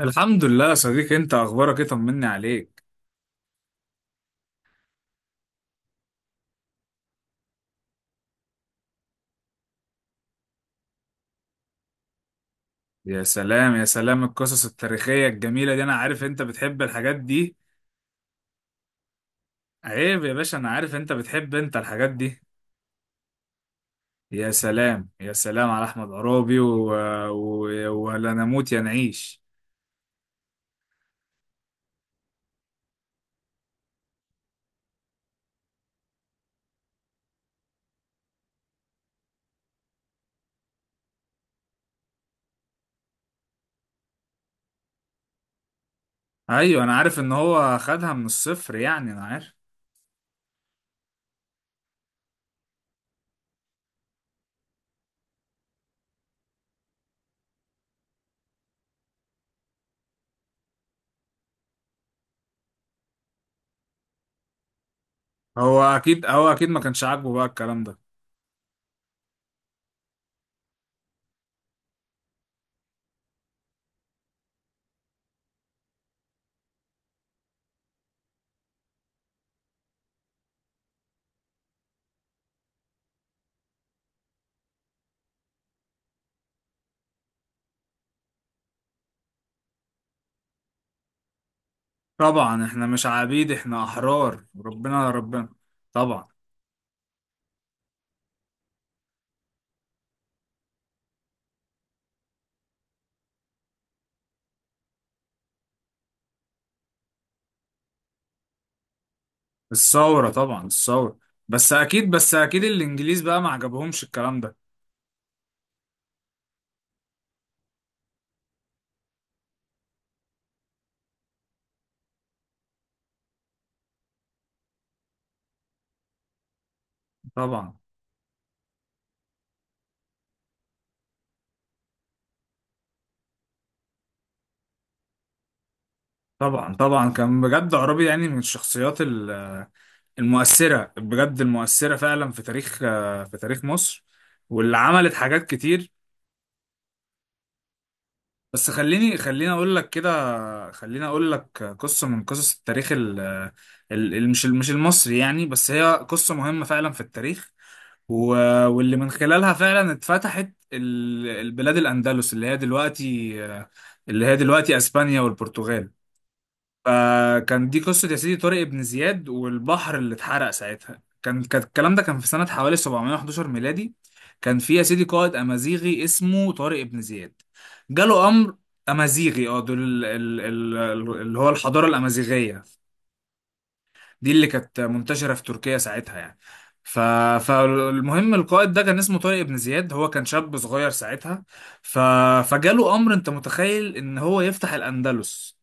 الحمد لله يا صديقي، انت اخبارك ايه؟ طمني عليك. يا سلام يا سلام، القصص التاريخية الجميلة دي انا عارف انت بتحب الحاجات دي. عيب يا باشا، انا عارف انت بتحب انت الحاجات دي. يا سلام يا سلام على احمد عرابي و... ولا نموت يا نعيش. ايوه، انا عارف ان هو خدها من الصفر، يعني انا عارف. هو اكيد ما كانش عاجبه بقى الكلام ده. طبعا احنا مش عبيد، احنا احرار، ربنا ربنا. طبعا الثورة، طبعا الثورة. بس أكيد، بس أكيد الإنجليز بقى ما عجبهمش الكلام ده. طبعا، طبعا، طبعا. كان بجد عرابي، يعني من الشخصيات المؤثرة، بجد المؤثرة فعلا في تاريخ، في تاريخ مصر، واللي عملت حاجات كتير. بس خليني أقول لك قصة من قصص التاريخ مش المصري، يعني بس هي قصة مهمة فعلا في التاريخ، و... واللي من خلالها فعلا اتفتحت البلاد الأندلس اللي هي دلوقتي أسبانيا والبرتغال. فكان دي قصة يا سيدي طارق بن زياد والبحر اللي اتحرق ساعتها. كان الكلام ده كان في سنة حوالي 711 ميلادي. كان في يا سيدي قائد أمازيغي اسمه طارق بن زياد. جاله أمر. أمازيغي، اه، دول اللي هو الحضارة الأمازيغية دي، اللي كانت منتشرة في تركيا ساعتها يعني. ف... فالمهم القائد ده كان اسمه طارق بن زياد، هو كان شاب صغير ساعتها. ف... فجاله أمر أنت متخيل إن هو يفتح الأندلس.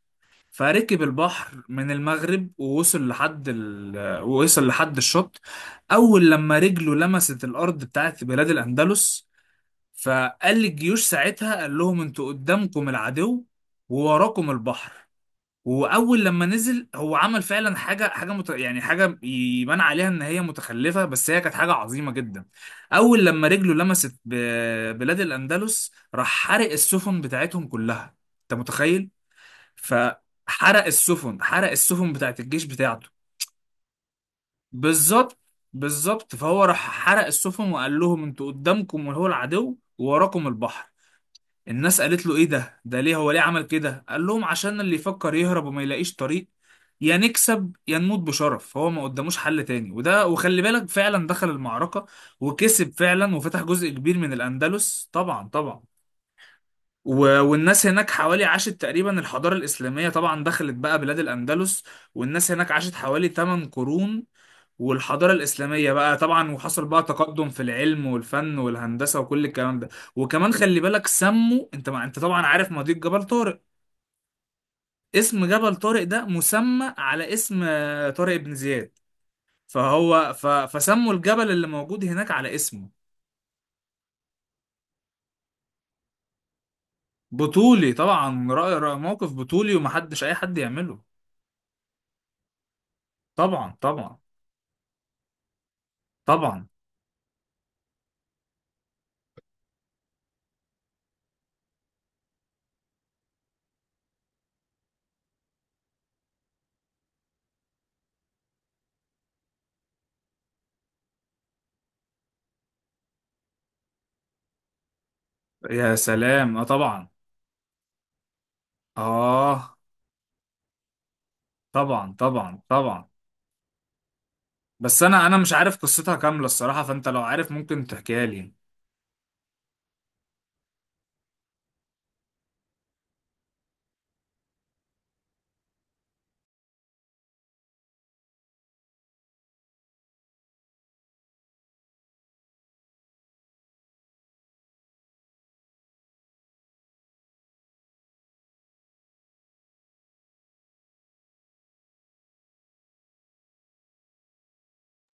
فركب البحر من المغرب ووصل لحد ووصل لحد الشط. أول لما رجله لمست الأرض بتاعت بلاد الأندلس، فقال للجيوش ساعتها، قال لهم أنتوا قدامكم العدو ووراكم البحر. واول لما نزل، هو عمل فعلا يعني حاجه يبان عليها ان هي متخلفه، بس هي كانت حاجه عظيمه جدا. اول لما رجله لمست بلاد الاندلس، راح حرق السفن بتاعتهم كلها. انت متخيل؟ فحرق السفن حرق السفن بتاعت الجيش بتاعته. بالظبط، بالظبط. فهو راح حرق السفن وقال لهم انتوا قدامكم وهو العدو ووراكم البحر. الناس قالت له ايه ده ده ليه هو ليه عمل كده؟ قال لهم عشان اللي يفكر يهرب وما يلاقيش طريق، يا نكسب يا نموت بشرف. هو ما قداموش حل تاني. وده وخلي بالك، فعلا دخل المعركة وكسب فعلا وفتح جزء كبير من الأندلس. طبعا طبعا. والناس هناك حوالي عاشت تقريبا، الحضارة الإسلامية طبعا دخلت بقى بلاد الأندلس، والناس هناك عاشت حوالي 8 قرون، والحضارة الإسلامية بقى طبعا، وحصل بقى تقدم في العلم والفن والهندسة وكل الكلام ده. وكمان خلي بالك سموا، انت ما انت طبعا عارف مضيق جبل طارق. اسم جبل طارق ده مسمى على اسم طارق بن زياد. فهو فسموا الجبل اللي موجود هناك على اسمه. بطولي طبعا، رأي موقف بطولي ومحدش أي حد يعمله. طبعا، طبعا، طبعا. يا سلام اه طبعا. اه طبعا. طبعا طبعا. بس انا مش عارف قصتها كامله الصراحه، فانت لو عارف ممكن تحكيها لي.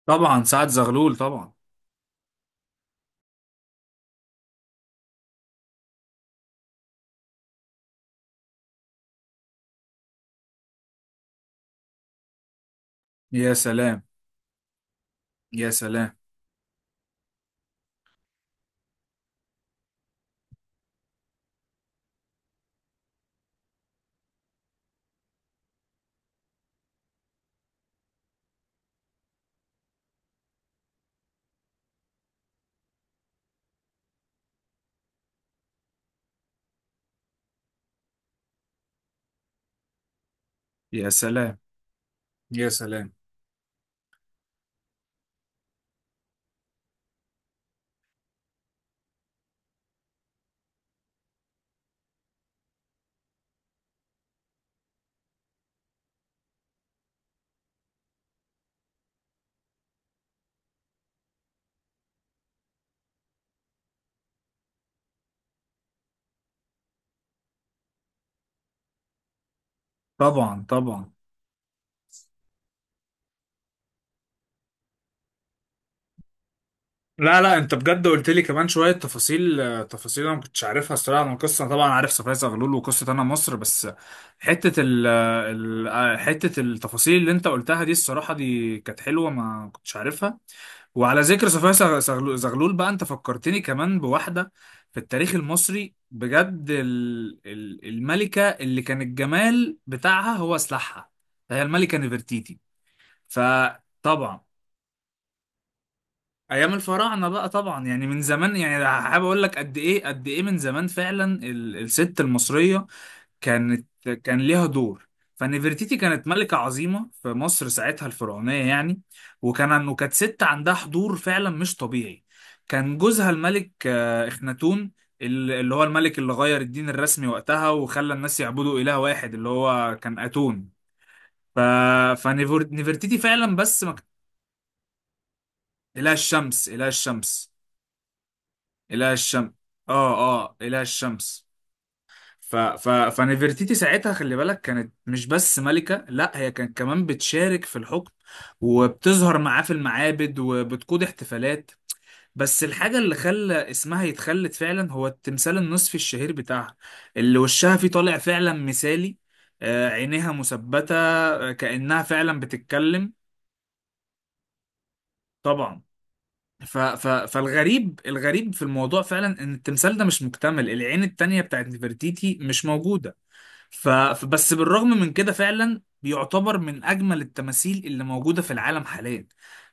طبعا سعد زغلول طبعا. يا سلام، يا سلام. يا سلام، يا سلام. طبعا طبعا. لا لا، انت بجد قلت لي كمان شويه تفاصيل، تفاصيل انا ما كنتش عارفها الصراحه. انا القصه طبعا عارف، صفايا زغلول وقصه انا مصر، بس حته حته التفاصيل اللي انت قلتها دي الصراحه دي كانت حلوه، ما كنتش عارفها. وعلى ذكر صفية زغلول بقى، انت فكرتني كمان بواحدة في التاريخ المصري، بجد الملكة اللي كان الجمال بتاعها هو سلاحها، هي الملكة نفرتيتي. فطبعا، ايام الفراعنة بقى طبعا، يعني من زمان، يعني حابب اقول لك قد ايه من زمان فعلا الست المصرية كانت، كان ليها دور. فنفرتيتي كانت ملكة عظيمة في مصر ساعتها الفرعونية يعني. وكانت ست عندها حضور فعلا مش طبيعي. كان جوزها الملك اخناتون، اللي هو الملك اللي غير الدين الرسمي وقتها وخلى الناس يعبدوا إله واحد اللي هو كان أتون. ف... فنفرتيتي فعلا بس ما كان- إله الشمس، إله الشمس. إله الشمس، آه. آه إله الشمس. فنفرتيتي ساعتها خلي بالك كانت مش بس ملكة، لا هي كانت كمان بتشارك في الحكم وبتظهر معاه في المعابد وبتقود احتفالات. بس الحاجة اللي خلى اسمها يتخلد فعلا هو التمثال النصفي الشهير بتاعها، اللي وشها فيه طالع فعلا مثالي، عينيها مثبتة، كأنها فعلا بتتكلم. طبعا. فالغريب في الموضوع فعلا ان التمثال ده مش مكتمل، العين التانية بتاعت نفرتيتي مش موجودة. فبس بالرغم من كده فعلا بيعتبر من اجمل التماثيل اللي موجوده في العالم حاليا.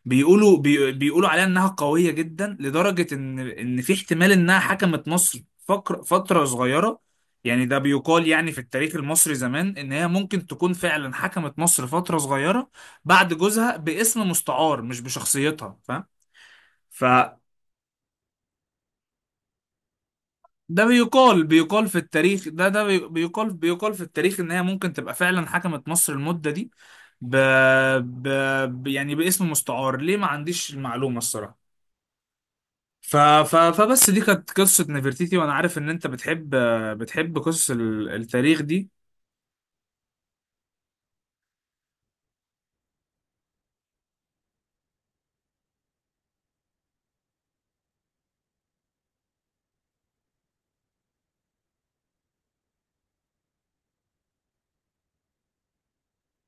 بيقولوا عليها انها قويه جدا لدرجه ان في احتمال انها حكمت مصر فتره صغيره. يعني ده بيقال، يعني في التاريخ المصري زمان ان هي ممكن تكون فعلا حكمت مصر فتره صغيره بعد جوزها، باسم مستعار مش بشخصيتها، فاهم؟ ف... ده بيقال في التاريخ، ده ده بي- بيقال بيقال في التاريخ ان هي ممكن تبقى فعلا حكمت مصر المدة دي. ب... ب... يعني باسم مستعار، ليه؟ ما عنديش المعلومة الصراحة. فبس دي كانت قصة نفرتيتي. وانا عارف ان انت بتحب قصص التاريخ دي.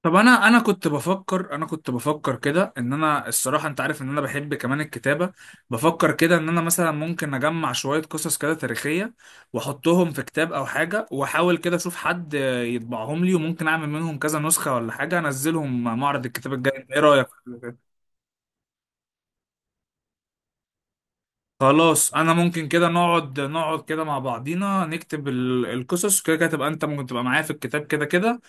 طب انا كنت بفكر، انا كنت بفكر كده ان انا الصراحه، انت عارف ان انا بحب كمان الكتابه، بفكر كده ان انا مثلا ممكن اجمع شويه قصص كده تاريخيه واحطهم في كتاب او حاجه، واحاول كده اشوف حد يطبعهم لي، وممكن اعمل منهم كذا نسخه ولا حاجه، انزلهم معرض الكتاب الجاي. ايه رايك في كده؟ خلاص انا ممكن كده نقعد كده مع بعضينا نكتب القصص، وكده تبقى انت ممكن تبقى معايا في الكتاب كده كده.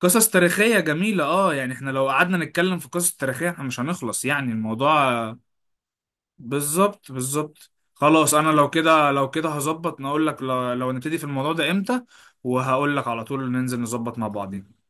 قصص تاريخية جميلة اه، يعني احنا لو قعدنا نتكلم في قصص تاريخية احنا مش هنخلص يعني الموضوع بالظبط، بالظبط. خلاص انا لو كده، لو كده هظبط نقول لك لو نبتدي في الموضوع ده امتى، وهقول لك على طول ننزل نظبط مع بعضين.